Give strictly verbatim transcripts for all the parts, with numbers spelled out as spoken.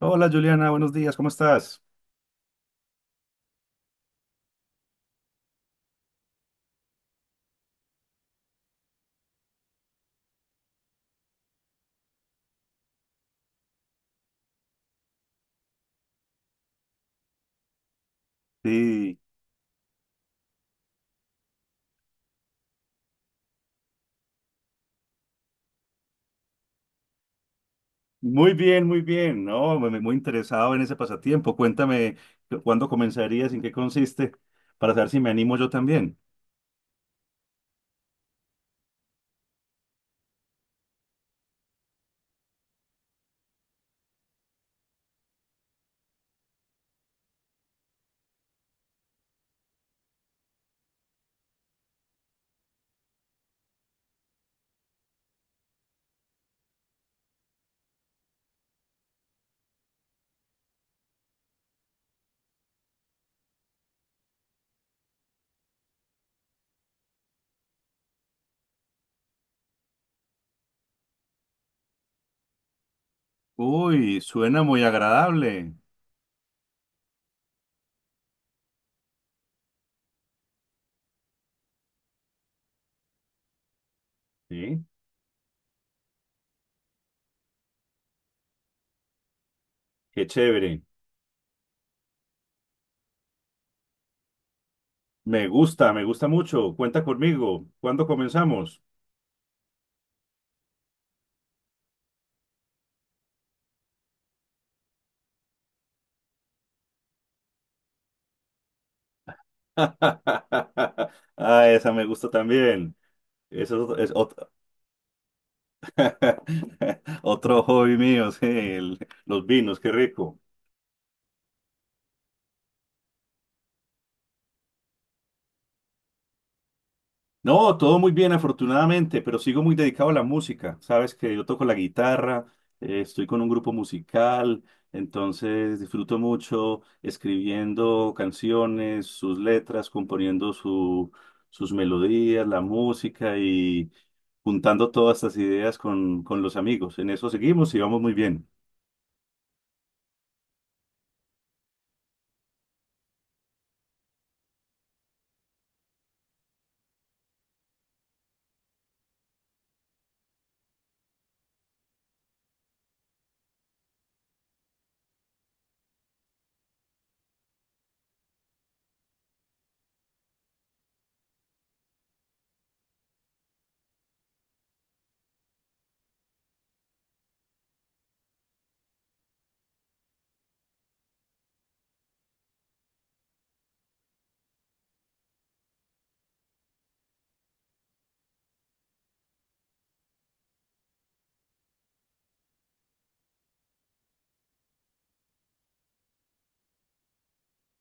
Hola Juliana, buenos días, ¿cómo estás? Sí, muy bien, muy bien, ¿no? Muy, muy interesado en ese pasatiempo. Cuéntame cu- cuándo comenzarías, en qué consiste, para saber si me animo yo también. Uy, suena muy agradable. Sí, qué chévere. Me gusta, me gusta mucho. Cuenta conmigo. ¿Cuándo comenzamos? Ah, esa me gusta también. Eso es otro, otro hobby mío, sí, el- los vinos, qué rico. No, todo muy bien, afortunadamente, pero sigo muy dedicado a la música. Sabes que yo toco la guitarra, eh, estoy con un grupo musical, entonces disfruto mucho escribiendo canciones, sus letras, componiendo su- sus melodías, la música y juntando todas estas ideas con, con los amigos. En eso seguimos y vamos muy bien.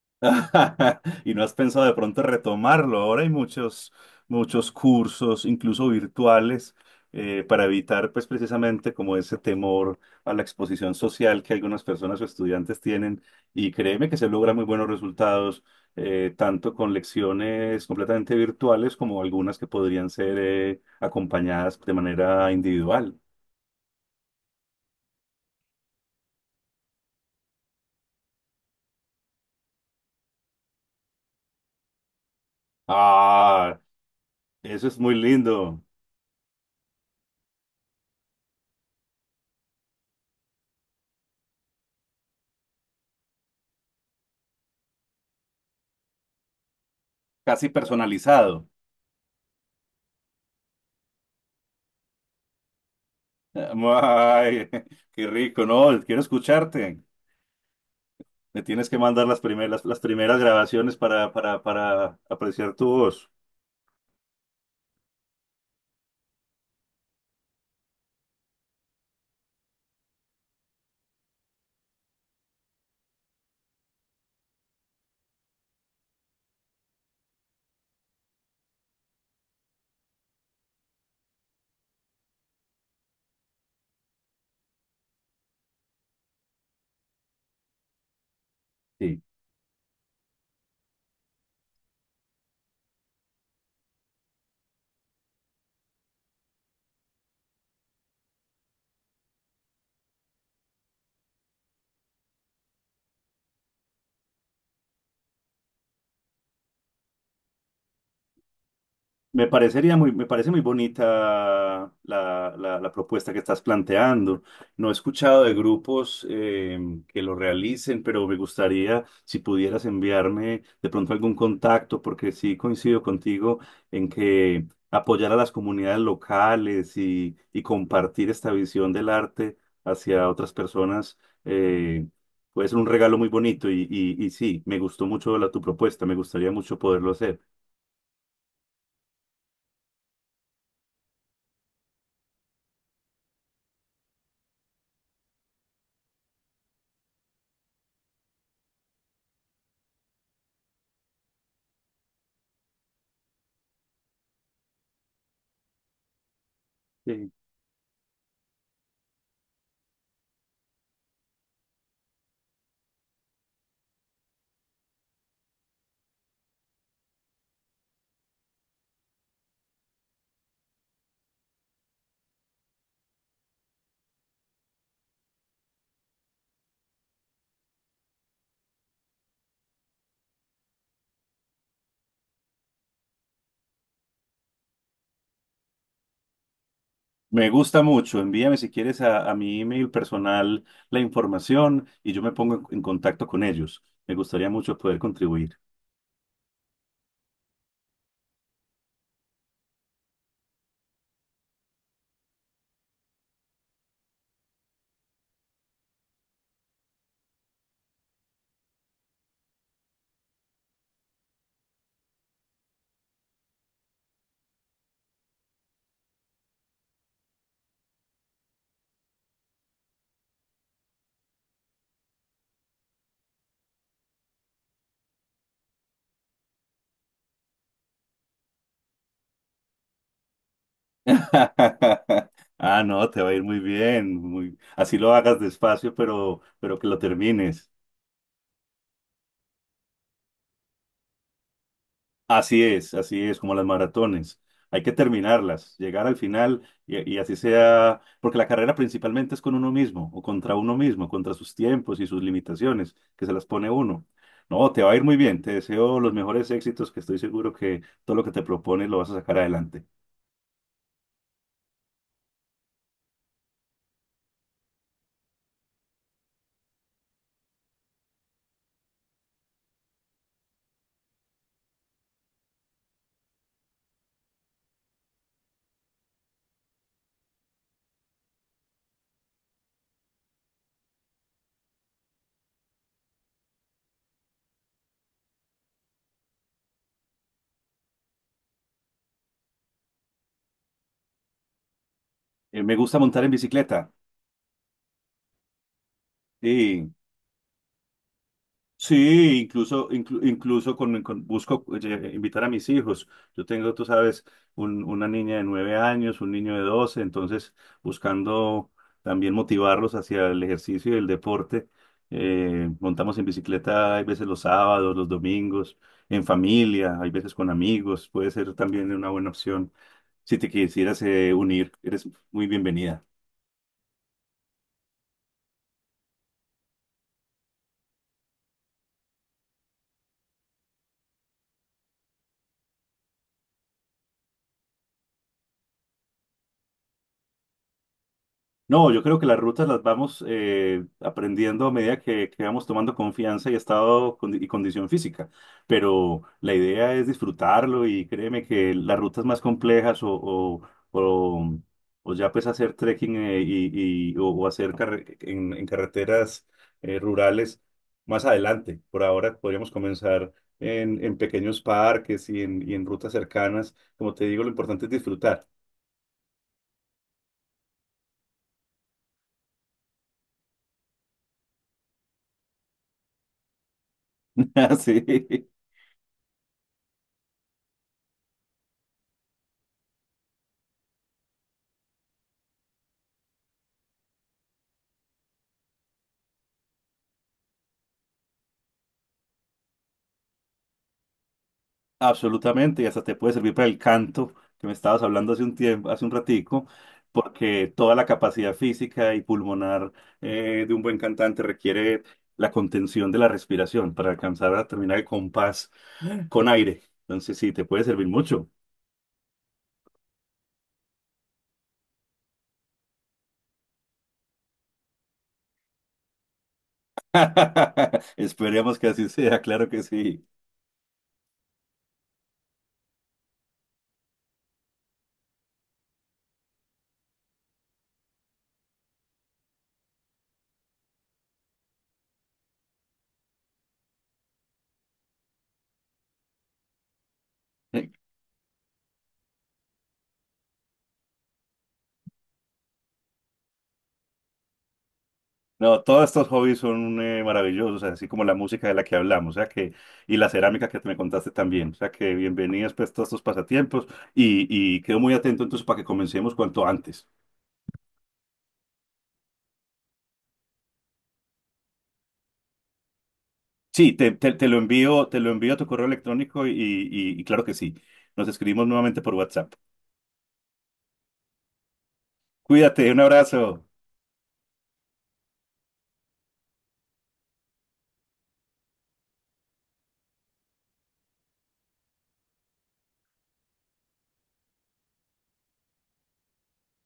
Y no has pensado de pronto retomarlo. Ahora hay muchos, muchos cursos, incluso virtuales, eh, para evitar, pues, precisamente como ese temor a la exposición social que algunas personas o estudiantes tienen. Y créeme que se logran muy buenos resultados, eh, tanto con lecciones completamente virtuales como algunas que podrían ser, eh, acompañadas de manera individual. Ah, eso es muy lindo, casi personalizado. Ay, qué rico, no, quiero escucharte. Me tienes que mandar las primeras, las primeras grabaciones para, para, para apreciar tu voz. Sí. Me parecería muy, me parece muy bonita la, la- la propuesta que estás planteando. No he escuchado de grupos eh, que lo realicen, pero me gustaría si pudieras enviarme de pronto algún contacto, porque sí coincido contigo en que apoyar a las comunidades locales y, y compartir esta visión del arte hacia otras personas eh, puede ser un regalo muy bonito y, y, y sí, me gustó mucho la, tu propuesta, me gustaría mucho poderlo hacer. Sí. Me gusta mucho. Envíame si quieres a, a mi email personal la información y yo me pongo en, en contacto con ellos. Me gustaría mucho poder contribuir. Ah, no, te va a ir muy bien. Muy... Así lo hagas despacio, pero, pero que lo termines. Así es, así es, como las maratones. Hay que terminarlas, llegar al final y, y así sea, porque la carrera principalmente es con uno mismo o contra uno mismo, contra sus tiempos y sus limitaciones que se las pone uno. No, te va a ir muy bien, te deseo los mejores éxitos, que estoy seguro que todo lo que te propones lo vas a sacar adelante. Eh, me gusta montar en bicicleta, sí, Sí, incluso, inclu- incluso con, con- busco eh, invitar a mis hijos. Yo tengo, tú sabes, un- una niña de nueve años, un niño de doce, entonces buscando también motivarlos hacia el ejercicio y el deporte. Eh, montamos en bicicleta, hay veces los sábados, los domingos, en familia, hay veces con amigos, puede ser también una buena opción. Si te quisieras eh, unir, eres muy bienvenida. No, yo creo que las rutas las vamos eh, aprendiendo a medida que, que vamos tomando confianza y estado condi- y condición física. Pero la idea es disfrutarlo y créeme que las rutas más complejas o, o, o- o ya pues hacer trekking eh, y, y- o, o hacer carre- en, en carreteras eh, rurales más adelante. Por ahora podríamos comenzar en, en pequeños parques y en, y en rutas cercanas. Como te digo, lo importante es disfrutar. Sí. Absolutamente, y hasta te puede servir para el canto que me estabas hablando hace un tiempo, hace un ratico, porque toda la capacidad física y pulmonar eh, de un buen cantante requiere la contención de la respiración para alcanzar a terminar el compás con aire. Entonces sí, te puede servir mucho. Esperemos que así sea, claro que sí. No, todos estos hobbies son eh, maravillosos, así como la música de la que hablamos, o sea que, y la cerámica que me contaste también, o sea que bienvenidas pues todos estos pasatiempos y, y quedo muy atento entonces para que comencemos cuanto antes. Sí, te, te, te lo envío, te lo envío a tu correo electrónico y, y y claro que sí, nos escribimos nuevamente por WhatsApp. Cuídate, un abrazo.